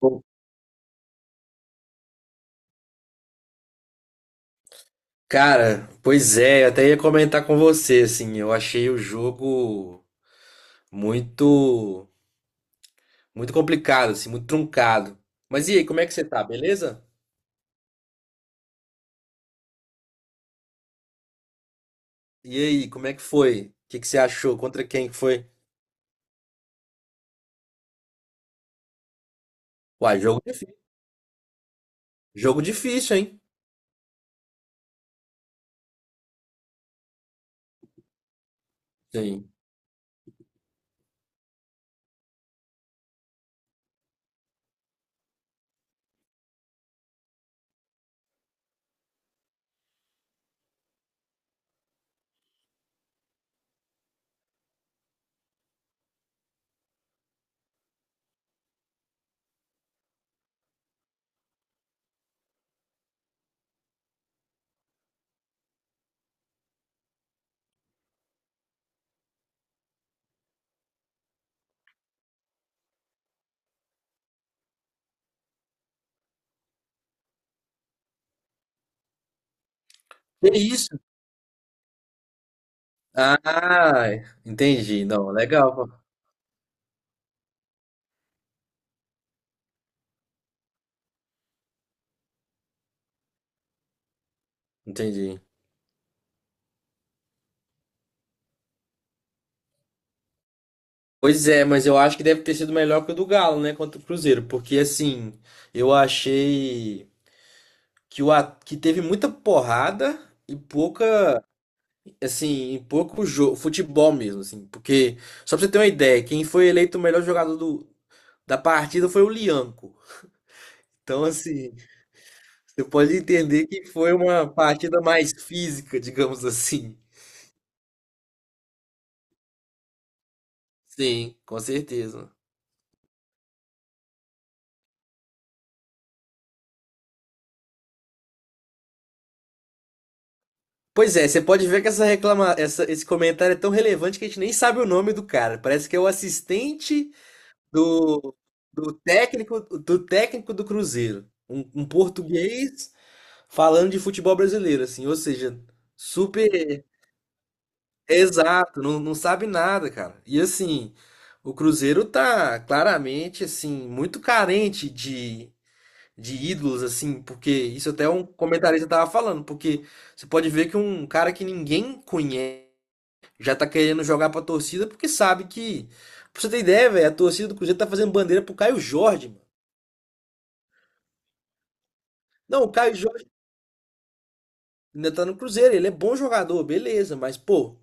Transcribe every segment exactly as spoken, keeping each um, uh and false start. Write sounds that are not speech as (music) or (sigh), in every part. Pô, cara, pois é, eu até ia comentar com você, assim, eu achei o jogo muito, muito complicado, assim, muito truncado. Mas e aí, como é que você tá, beleza? E aí, como é que foi? O que que você achou? Contra quem que foi? Uai, jogo difícil. Jogo difícil, hein? Sim. Que isso? Ah, entendi. Não, legal, pô. Entendi. Pois é, mas eu acho que deve ter sido melhor que o do Galo, né, contra o Cruzeiro, porque assim, eu achei que, o, a- que teve muita porrada e pouca, assim, e pouco jogo, futebol mesmo, assim, porque, só pra você ter uma ideia, quem foi eleito o melhor jogador do, da partida foi o Lianco. Então, assim, você pode entender que foi uma partida mais física, digamos assim. Sim, com certeza. Pois é, você pode ver que essa reclama, essa, esse comentário é tão relevante que a gente nem sabe o nome do cara. Parece que é o assistente do, do técnico do técnico do Cruzeiro, um, um português falando de futebol brasileiro, assim, ou seja, super exato, não, não sabe nada, cara. E assim, o Cruzeiro tá claramente assim muito carente de De ídolos, assim, porque isso até um comentarista tava falando, porque você pode ver que um cara que ninguém conhece já tá querendo jogar pra torcida porque sabe que. Pra você ter ideia, velho, a torcida do Cruzeiro tá fazendo bandeira pro Caio Jorge, mano. Não, o Caio Jorge ainda tá no Cruzeiro, ele é bom jogador, beleza, mas pô,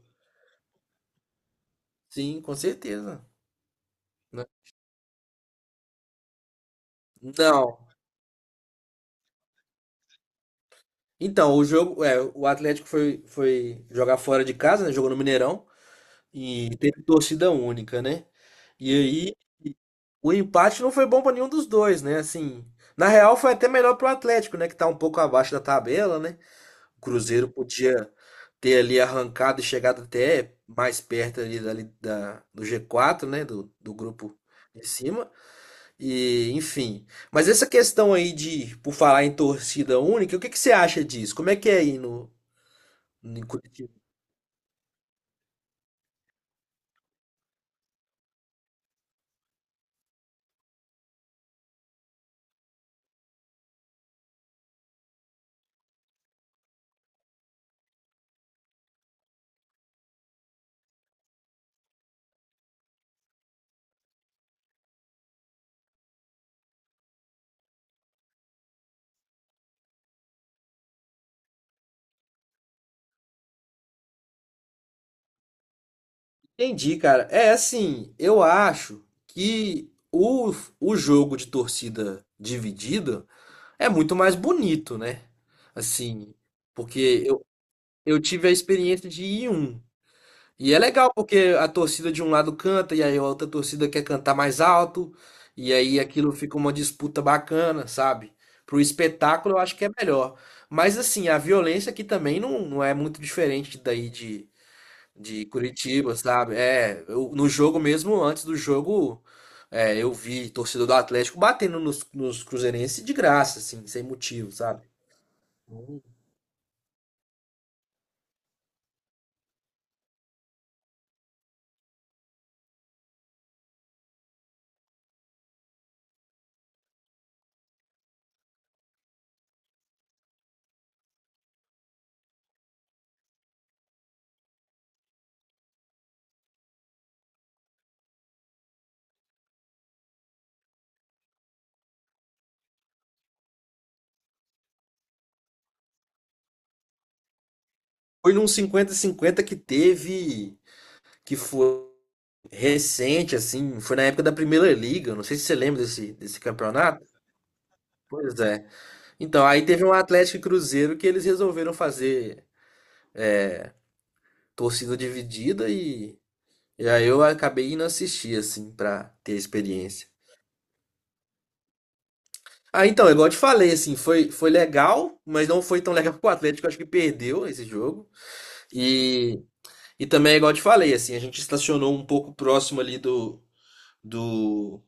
sim, com certeza. Né? Não. Então, o jogo, é, o Atlético foi, foi jogar fora de casa, né? Jogou no Mineirão e teve torcida única, né? E aí o empate não foi bom pra nenhum dos dois, né? Assim, na real foi até melhor pro Atlético, né, que tá um pouco abaixo da tabela, né? O Cruzeiro podia ter ali arrancado e chegado até mais perto ali, da, ali da- do gê quatro, né, do, do grupo de cima. E, enfim. Mas essa questão aí de, por falar em torcida única, o que que você acha disso? Como é que é aí no, em Curitiba? Entendi, cara. É assim, eu acho que o, o jogo de torcida dividida é muito mais bonito, né? Assim, porque eu, eu tive a experiência de ir em um. E é legal porque a torcida de um lado canta e aí a outra torcida quer cantar mais alto, e aí aquilo fica uma disputa bacana, sabe? Pro espetáculo eu acho que é melhor. Mas assim, a violência aqui também não, não é muito diferente daí de, de Curitiba, sabe? É, eu- no jogo mesmo, antes do jogo, é, eu vi torcedor do Atlético batendo nos, nos cruzeirenses de graça, assim, sem motivo, sabe? Foi num cinquenta cinquenta que teve, que foi recente, assim, foi na época da Primeira Liga, não sei se você lembra desse, desse campeonato. Pois é. Então, aí teve um Atlético e Cruzeiro que eles resolveram fazer torcida dividida e, e aí eu acabei indo assistir, assim, pra ter a experiência. Ah, então, é igual eu te falei, assim, foi, foi legal, mas não foi tão legal (laughs) pro Atlético, acho que perdeu esse jogo. E, e também, é igual eu te falei, assim, a gente estacionou um pouco próximo ali do, do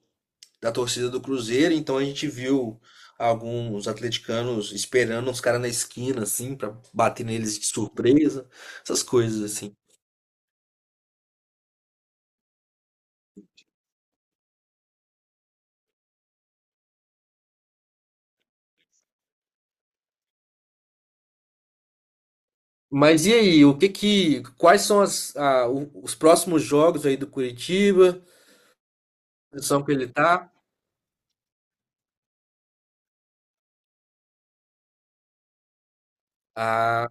da torcida do Cruzeiro, então a gente viu alguns atleticanos esperando uns caras na esquina, assim, pra bater neles de surpresa, essas coisas, assim. Mas e aí, o que que, quais são as, a- o- os próximos jogos aí do Curitiba? A posição que ele tá? Ah,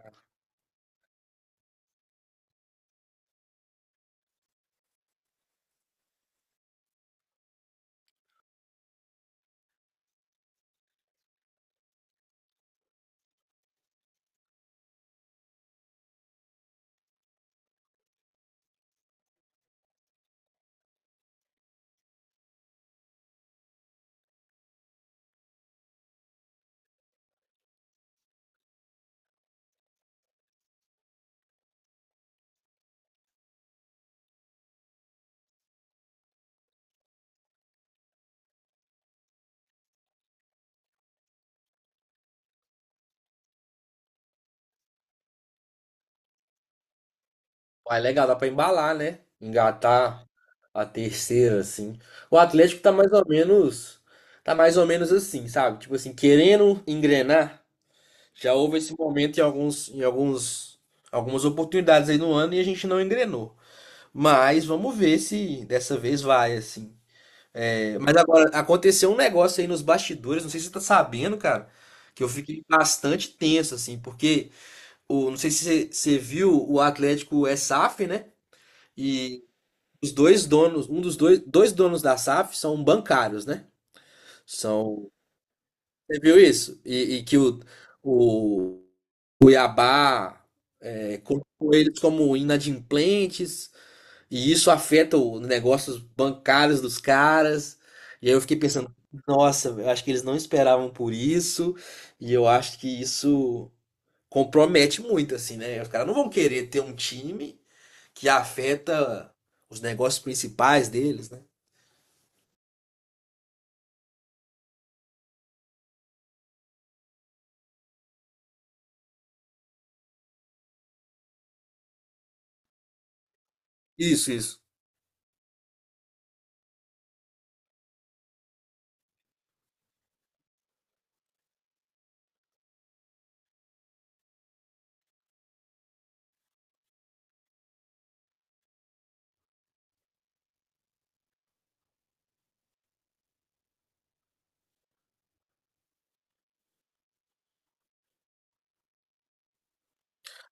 é legal, dá pra embalar, né? Engatar a terceira, assim. O Atlético tá mais ou menos, tá mais ou menos assim, sabe? Tipo assim, querendo engrenar. Já houve esse momento em alguns, em alguns, algumas oportunidades aí no ano e a gente não engrenou. Mas vamos ver se dessa vez vai, assim. É, mas agora, aconteceu um negócio aí nos bastidores, não sei se você tá sabendo, cara, que eu fiquei bastante tenso, assim, porque o, não sei se você, você viu, o Atlético é SAF, né? E os dois donos, um dos dois, dois donos da SAF são bancários, né? São. Você viu isso? E, e que o, o Cuiabá. É, colocou eles como inadimplentes, e isso afeta os negócios bancários dos caras. E aí eu fiquei pensando, nossa, eu acho que eles não esperavam por isso, e eu acho que isso compromete muito, assim, né? Os caras não vão querer ter um time que afeta os negócios principais deles, né? Isso, isso.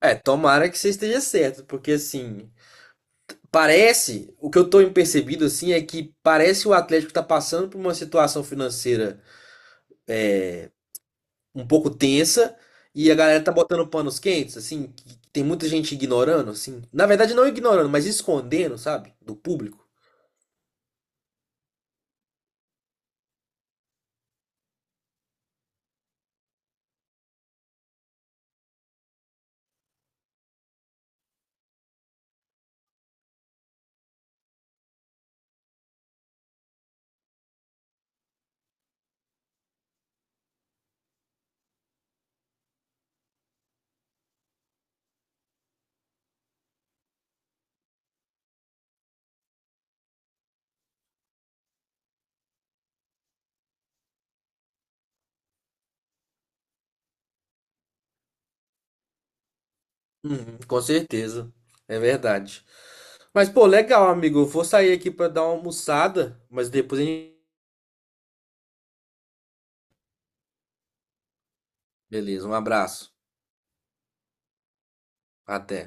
É, tomara que você esteja certo, porque assim, parece, o que eu tô percebido assim é que parece que o Atlético tá passando por uma situação financeira um pouco tensa e a galera tá botando panos quentes, assim, que tem muita gente ignorando, assim. Na verdade, não ignorando, mas escondendo, sabe? Do público. Uhum, com certeza. É verdade. Mas, pô, legal, amigo. Eu vou sair aqui pra dar uma almoçada, mas depois a gente. Beleza, um abraço. Até.